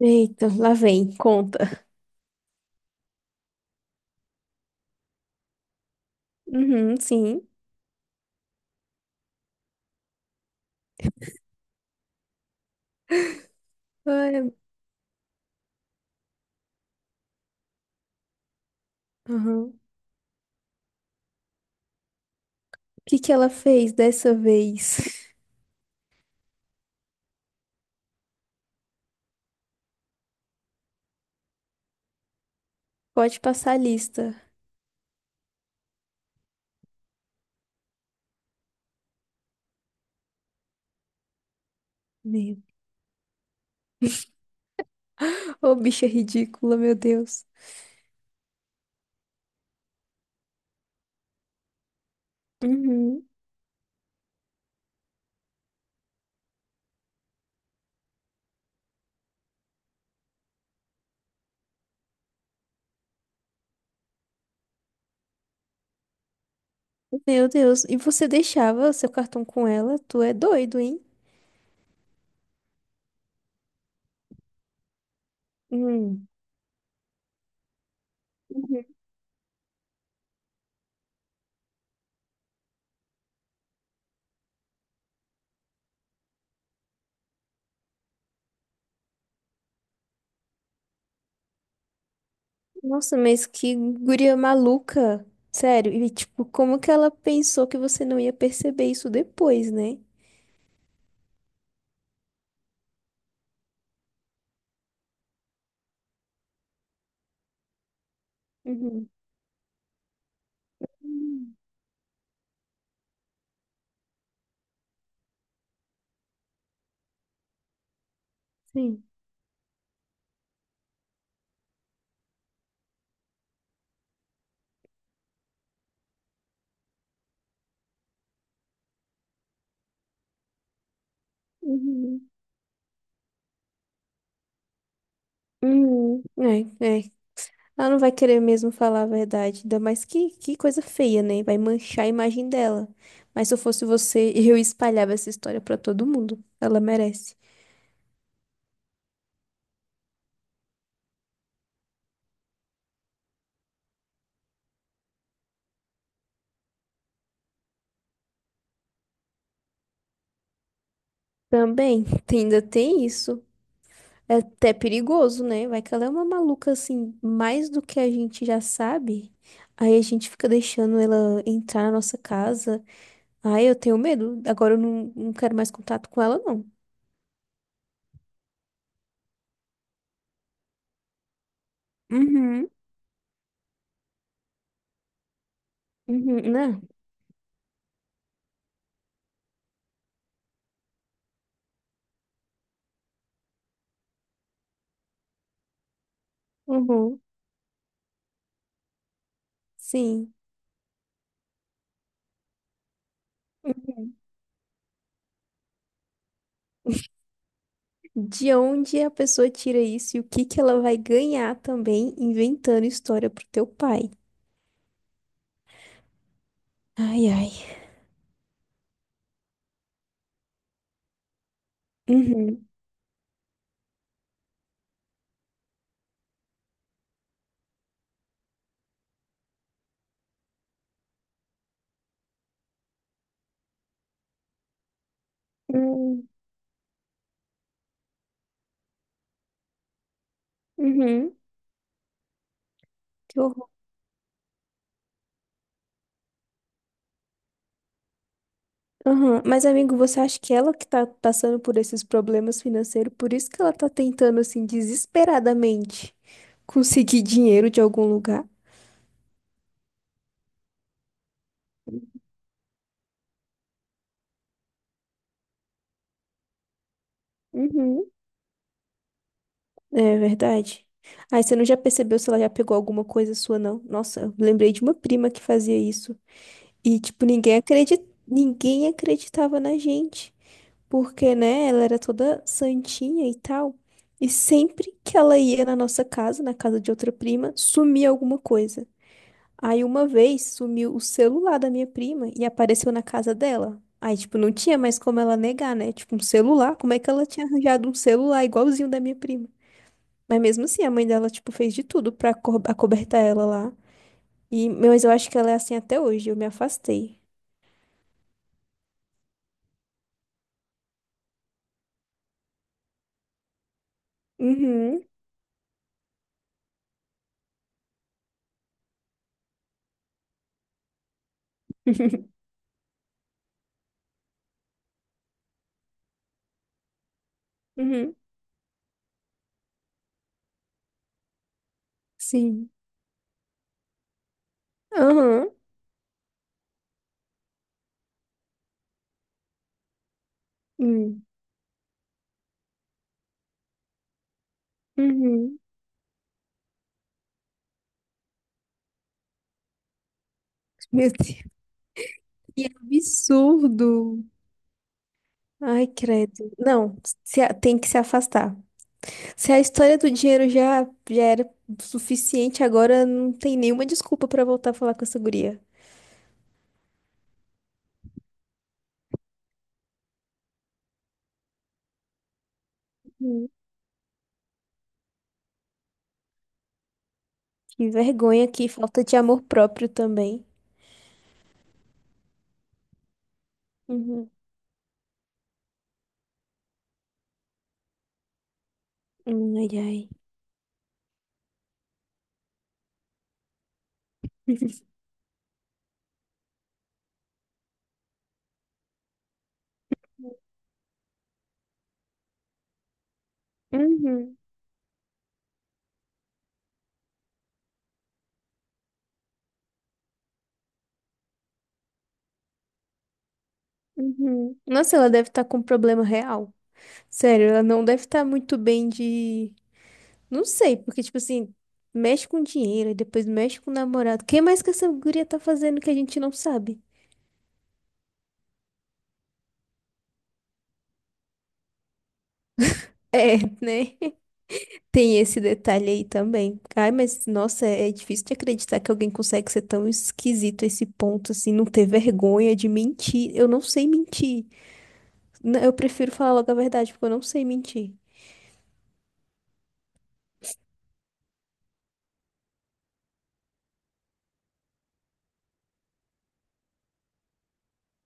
Eita, lá vem, conta. Uhum, sim. Ai, uhum. O que que ela fez dessa vez? Pode passar a lista. Meu. Ô, bicha ridícula, meu Deus. Uhum. Meu Deus. E você deixava seu cartão com ela? Tu é doido, hein? Hum. Uhum. Nossa, mas que guria maluca. Sério. E, tipo, como que ela pensou que você não ia perceber isso depois, né? Uhum. Hum. Sim. Uhum. Uhum. É, é. Ela não vai querer mesmo falar a verdade. Ainda mais que coisa feia, né? Vai manchar a imagem dela. Mas se eu fosse você, eu espalhava essa história pra todo mundo. Ela merece. Também, ainda tem isso. É até perigoso, né? Vai que ela é uma maluca assim, mais do que a gente já sabe. Aí a gente fica deixando ela entrar na nossa casa. Ai, eu tenho medo. Agora eu não, não quero mais contato com ela, não. Uhum. Uhum. Né? Uhum. Sim. Uhum. De onde a pessoa tira isso e o que que ela vai ganhar também inventando história pro teu pai? Ai, ai. Uhum. Hum. Uhum. Que horror. Aham. Mas, amigo, você acha que ela que tá passando por esses problemas financeiros, por isso que ela tá tentando, assim, desesperadamente conseguir dinheiro de algum lugar? Uhum. É verdade. Ai, você não já percebeu se ela já pegou alguma coisa sua, não? Nossa, eu lembrei de uma prima que fazia isso. E, tipo, ninguém acreditava na gente. Porque, né, ela era toda santinha e tal. E sempre que ela ia na nossa casa, na casa de outra prima, sumia alguma coisa. Aí uma vez sumiu o celular da minha prima e apareceu na casa dela. Aí, tipo, não tinha mais como ela negar, né? Tipo, um celular. Como é que ela tinha arranjado um celular igualzinho da minha prima? Mas mesmo assim, a mãe dela, tipo, fez de tudo pra acobertar ela lá. E, mas eu acho que ela é assim até hoje. Eu me afastei. Uhum. Uhum. Sim. Aham. Hum. Uhum. Meu Deus. Que absurdo. Ai, credo. Não, se a- tem que se afastar. Se a história do dinheiro já, já era suficiente, agora não tem nenhuma desculpa pra voltar a falar com essa guria. Hum. Que vergonha, que falta de amor próprio também. Uhum. Hum. Ai, ai. Uhum, uhum. Nossa, ela deve estar com um problema real. Sério, ela não deve estar muito bem de. Não sei, porque, tipo assim, mexe com dinheiro e depois mexe com o namorado. Quem mais que essa guria tá fazendo que a gente não sabe? É, né? Tem esse detalhe aí também. Ai, mas nossa, é difícil de acreditar que alguém consegue ser tão esquisito a esse ponto, assim, não ter vergonha de mentir. Eu não sei mentir. Eu prefiro falar logo a verdade, porque eu não sei mentir.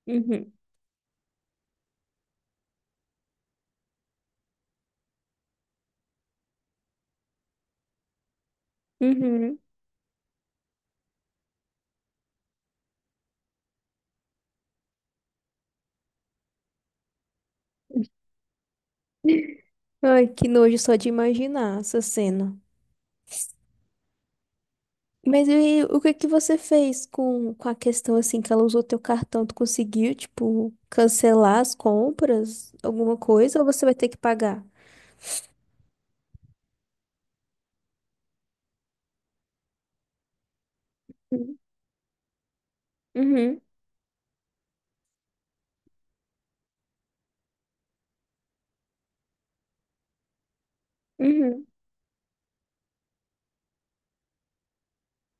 Uhum. Uhum. Ai, que nojo só de imaginar essa cena. Mas e o que que você fez com a questão assim que ela usou teu cartão? Tu conseguiu, tipo, cancelar as compras, alguma coisa, ou você vai ter que pagar? Uhum, uhum. Uhum.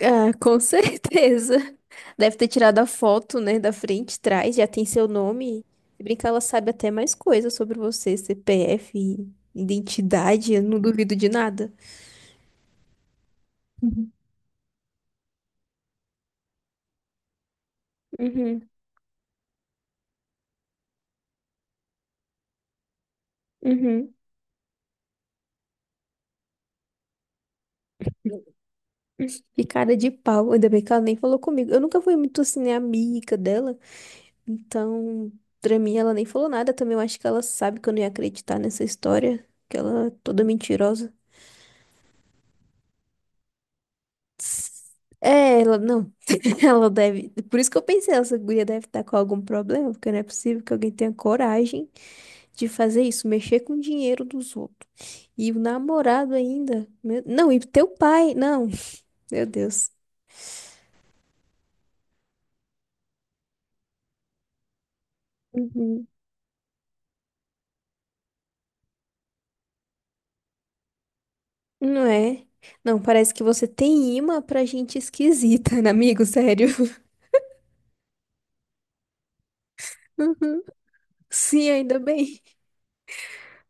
Ah, com certeza. Deve ter tirado a foto, né, da frente, trás, já tem seu nome. Se brincar, ela sabe até mais coisas sobre você, CPF, identidade, eu não duvido de nada. Uhum, uhum. Uhum. Que cara de pau. Ainda bem que ela nem falou comigo. Eu nunca fui muito assim, né, amiga dela. Então, pra mim, ela nem falou nada também. Eu acho que ela sabe que eu não ia acreditar nessa história. Que ela é toda mentirosa. É, ela não. Ela deve. Por isso que eu pensei, essa guria deve estar com algum problema, porque não é possível que alguém tenha coragem de fazer isso, mexer com o dinheiro dos outros. E o namorado ainda. Meu... Não, e teu pai. Não. Meu Deus. Uhum. Não é? Não, parece que você tem imã pra gente esquisita, né, amigo? Sério. Uhum. Sim, ainda bem.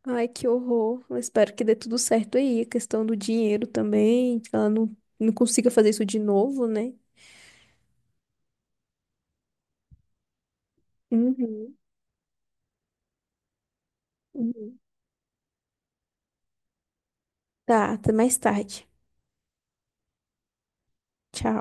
Ai, que horror. Eu espero que dê tudo certo aí. A questão do dinheiro também, que ela não, não consiga fazer isso de novo, né? Uhum. Uhum. Tá, até mais tarde. Tchau.